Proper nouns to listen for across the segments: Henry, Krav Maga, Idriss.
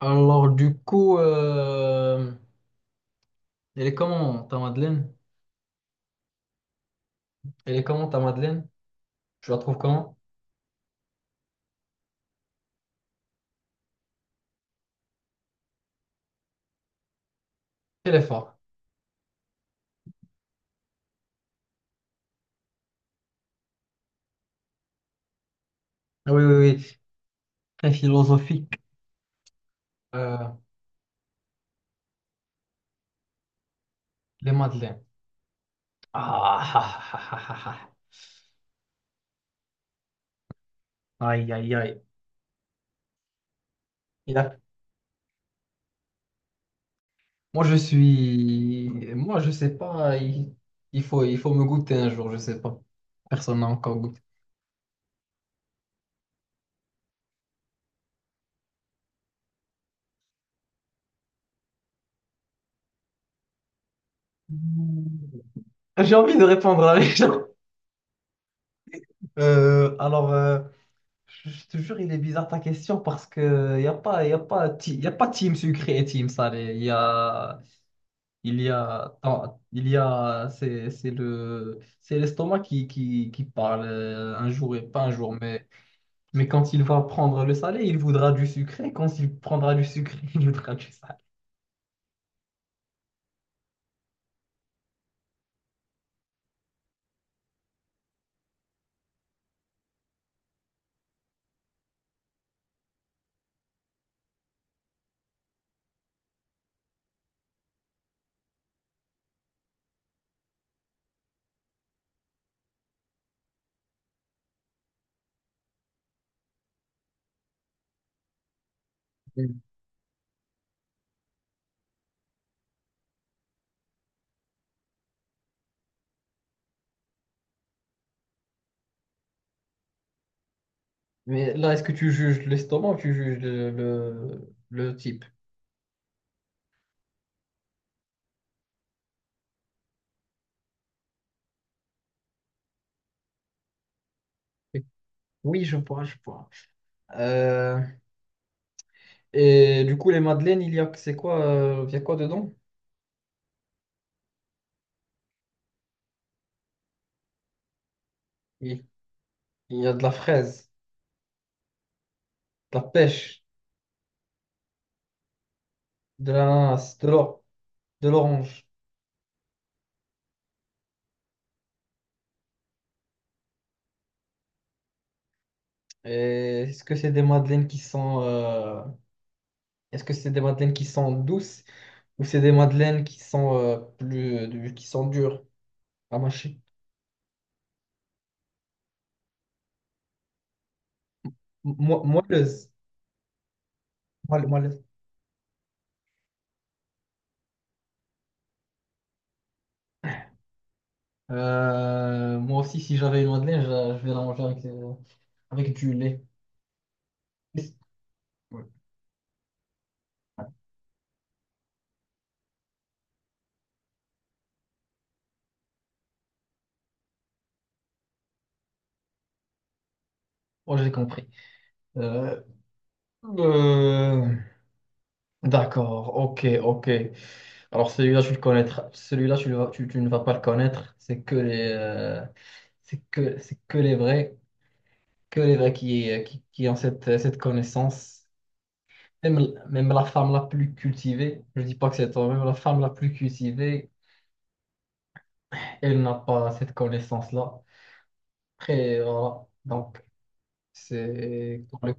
Alors, du coup, euh, Elle est comment ta Madeleine? Elle est comment ta Madeleine? Je la trouve comment? Elle est forte. Ah, oui, oui, oui. Très philosophique. Euh, les Madeleines. Ah, ah, ah, ah, ah, ah. Aïe, aïe, aïe. Il a- Moi, je suis. Moi, je sais pas. Il faut me goûter un jour, je sais pas. Personne n'a encore goûté. J'ai envie de répondre à les gens. Euh, alors. euh, Je te jure, il est bizarre ta question parce que y a pas team sucré et team salé. Il y a, attends, il y a, c'est c'est l'estomac qui parle un jour et pas un jour. Mais quand il va prendre le salé, il voudra du sucré. Quand il prendra du sucré, il voudra du salé. Mm. Mais là, est-ce que tu juges l'estomac ou tu juges le type? Oui, je vois, je vois. Euh, Et du coup, les madeleines, c'est quoi, il y a quoi dedans? Il, il y a de la fraise, de la pêche, de l'ananas, de l'or, de l'orange. Et est-ce que c'est des madeleines qui sont, est-ce que c'est des madeleines qui sont douces ou c'est des madeleines qui sont qui sont dures à mâcher? Moelleuses. Moelleuses. Moi aussi, si j'avais une madeleine, je vais la manger avec, avec du lait. Ouais. Moi, j'ai compris. Euh, euh, D'accord, ok, ok. Alors celui-là, tu le connaîtras. Celui-là, tu, tu ne vas pas le connaître. C'est que les vrais qui ont cette, cette connaissance. Même, même la femme la plus cultivée, je dis pas que c'est toi, même la femme la plus cultivée, elle n'a pas cette connaissance-là. Après, voilà. Donc, c'est... comme le-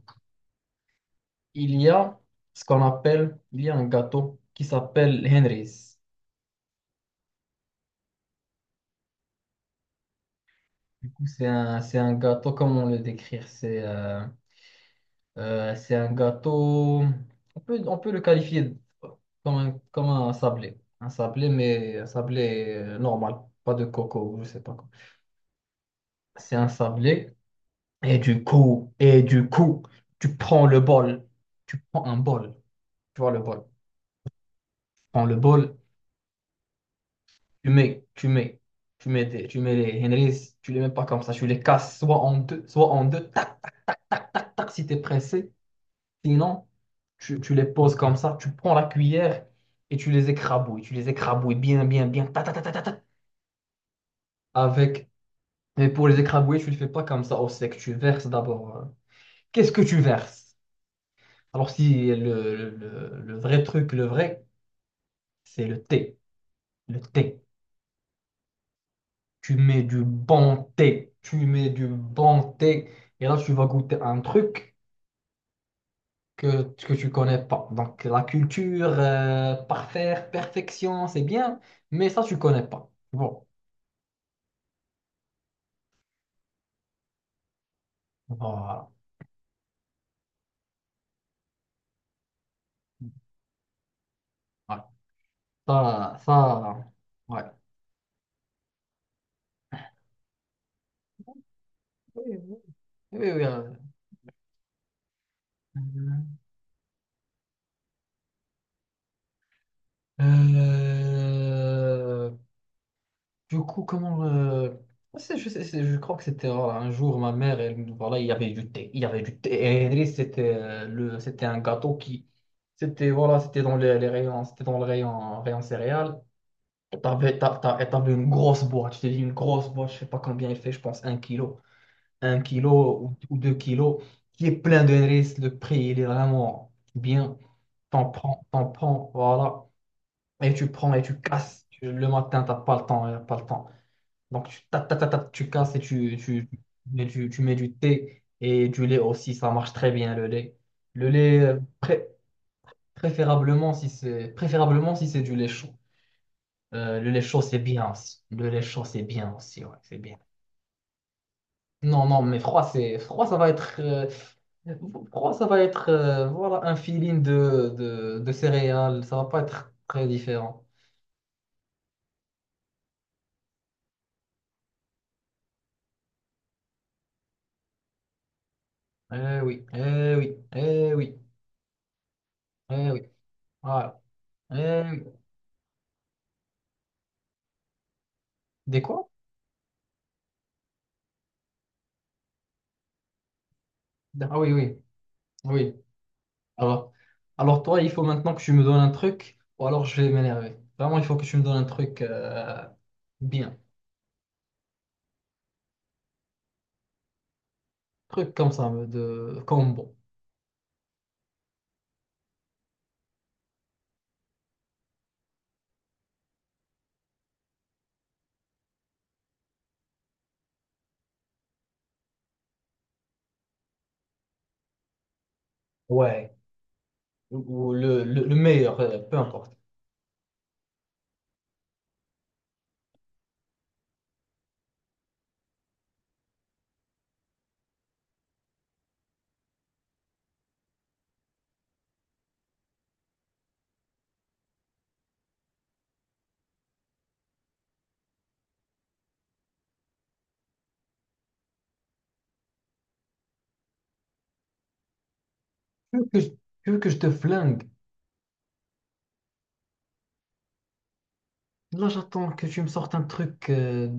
Il y a ce qu'on appelle, il y a un gâteau qui s'appelle Henry's. Du coup, c'est un gâteau, comment le décrire? C'est un gâteau, on peut le qualifier comme un sablé. Un sablé, mais un sablé normal, pas de coco, je sais pas quoi. C'est un sablé, et du coup, tu prends le bol, tu prends un bol, tu vois le bol. Prends le bol, tu mets, tu mets, tu mets les Henrys, tu les mets pas comme ça, tu les casses soit en deux, tac, tac, si t'es pressé. Sinon, tu les poses comme ça, tu prends la cuillère et tu les écrabouilles. Tu les écrabouilles bien, bien, bien. Ta, ta, ta, ta, ta, ta, avec... Mais pour les écrabouiller, tu ne le fais pas comme ça au sec. Tu verses d'abord. Qu'est-ce que tu verses? Alors, si le vrai truc, le vrai, c'est le thé. Le thé. Tu mets du bon thé. Tu mets du bon thé. Et là, tu vas goûter un truc que tu connais pas. Donc, la culture, parfaire, perfection, c'est bien. Mais ça, tu connais pas. Bon. Voilà. Ouais. Ça, ça, ouais. Oui, oui, oui, oui, euh, du coup, Je crois que c'était un jour, ma mère, elle, voilà, il y avait du thé. Il y avait du thé. Et Idriss, c'était c'était un gâteau qui... C'était, voilà, c'était dans les rayons, c'était dans le rayon, rayon céréales. Et t'avais une grosse boîte. Je t'ai dit, une grosse boîte, je sais pas combien il fait, je pense un kilo. Un kilo ou deux kilos, qui est plein de risques. Le prix, il est vraiment bien. T'en prends, voilà. Et tu prends et tu casses. Le matin, t'as pas le temps, y a pas le temps. Donc, tu, ta- ta- ta- ta- tu casses et tu, tu mets du thé et du lait aussi. Ça marche très bien, le lait. Le lait, euh, pré- Préférablement si c'est préférablement si c'est du lait chaud. Le lait chaud, c'est bien aussi. Le lait chaud, c'est bien aussi, ouais, c'est bien. Non, non, mais froid, c'est froid, ça va être. Pour moi, ça va être voilà, un feeling de céréales. Ça va pas être très différent. Eh oui, eh oui, eh oui, eh oui. Voilà. Eh oui. Des quoi? Ah oui, oui, oui. Alors, alors toi, il faut maintenant que tu me donnes un truc, ou alors je vais m'énerver. Vraiment, il faut que tu me donnes un truc bien. Truc comme ça, de combo. Ouais. Ou le meilleur, peu importe. Tu veux que je, tu veux que je te flingue? Là, j'attends que tu me sortes un truc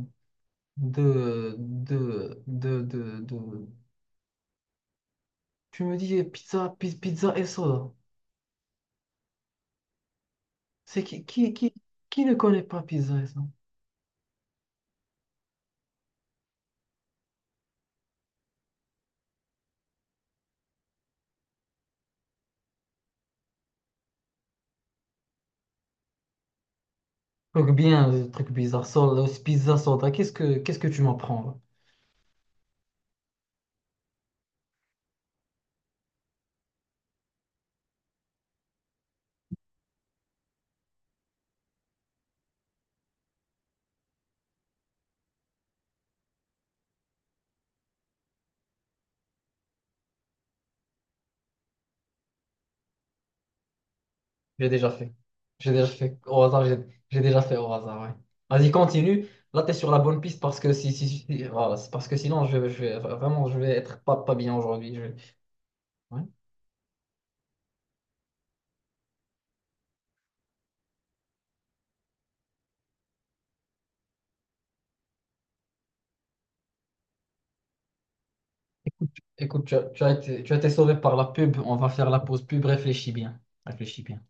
de, de, de, de, de- Tu me dis eh, pizza et soda. C'est qui ne connaît pas pizza et soda? Truc bien, truc bizarre, soda, pizza, soda. Qu'est-ce que tu m'apprends là? J'ai déjà fait. J'ai déjà fait au hasard, j'ai déjà fait au hasard, ouais. Vas-y, continue. Là, t'es sur la bonne piste parce que voilà, c'est parce que sinon, je vais vraiment, je vais être pas, pas bien aujourd'hui. Je, ouais. Écoute, tu as été sauvé par la pub. On va faire la pause pub. Réfléchis bien. Réfléchis bien.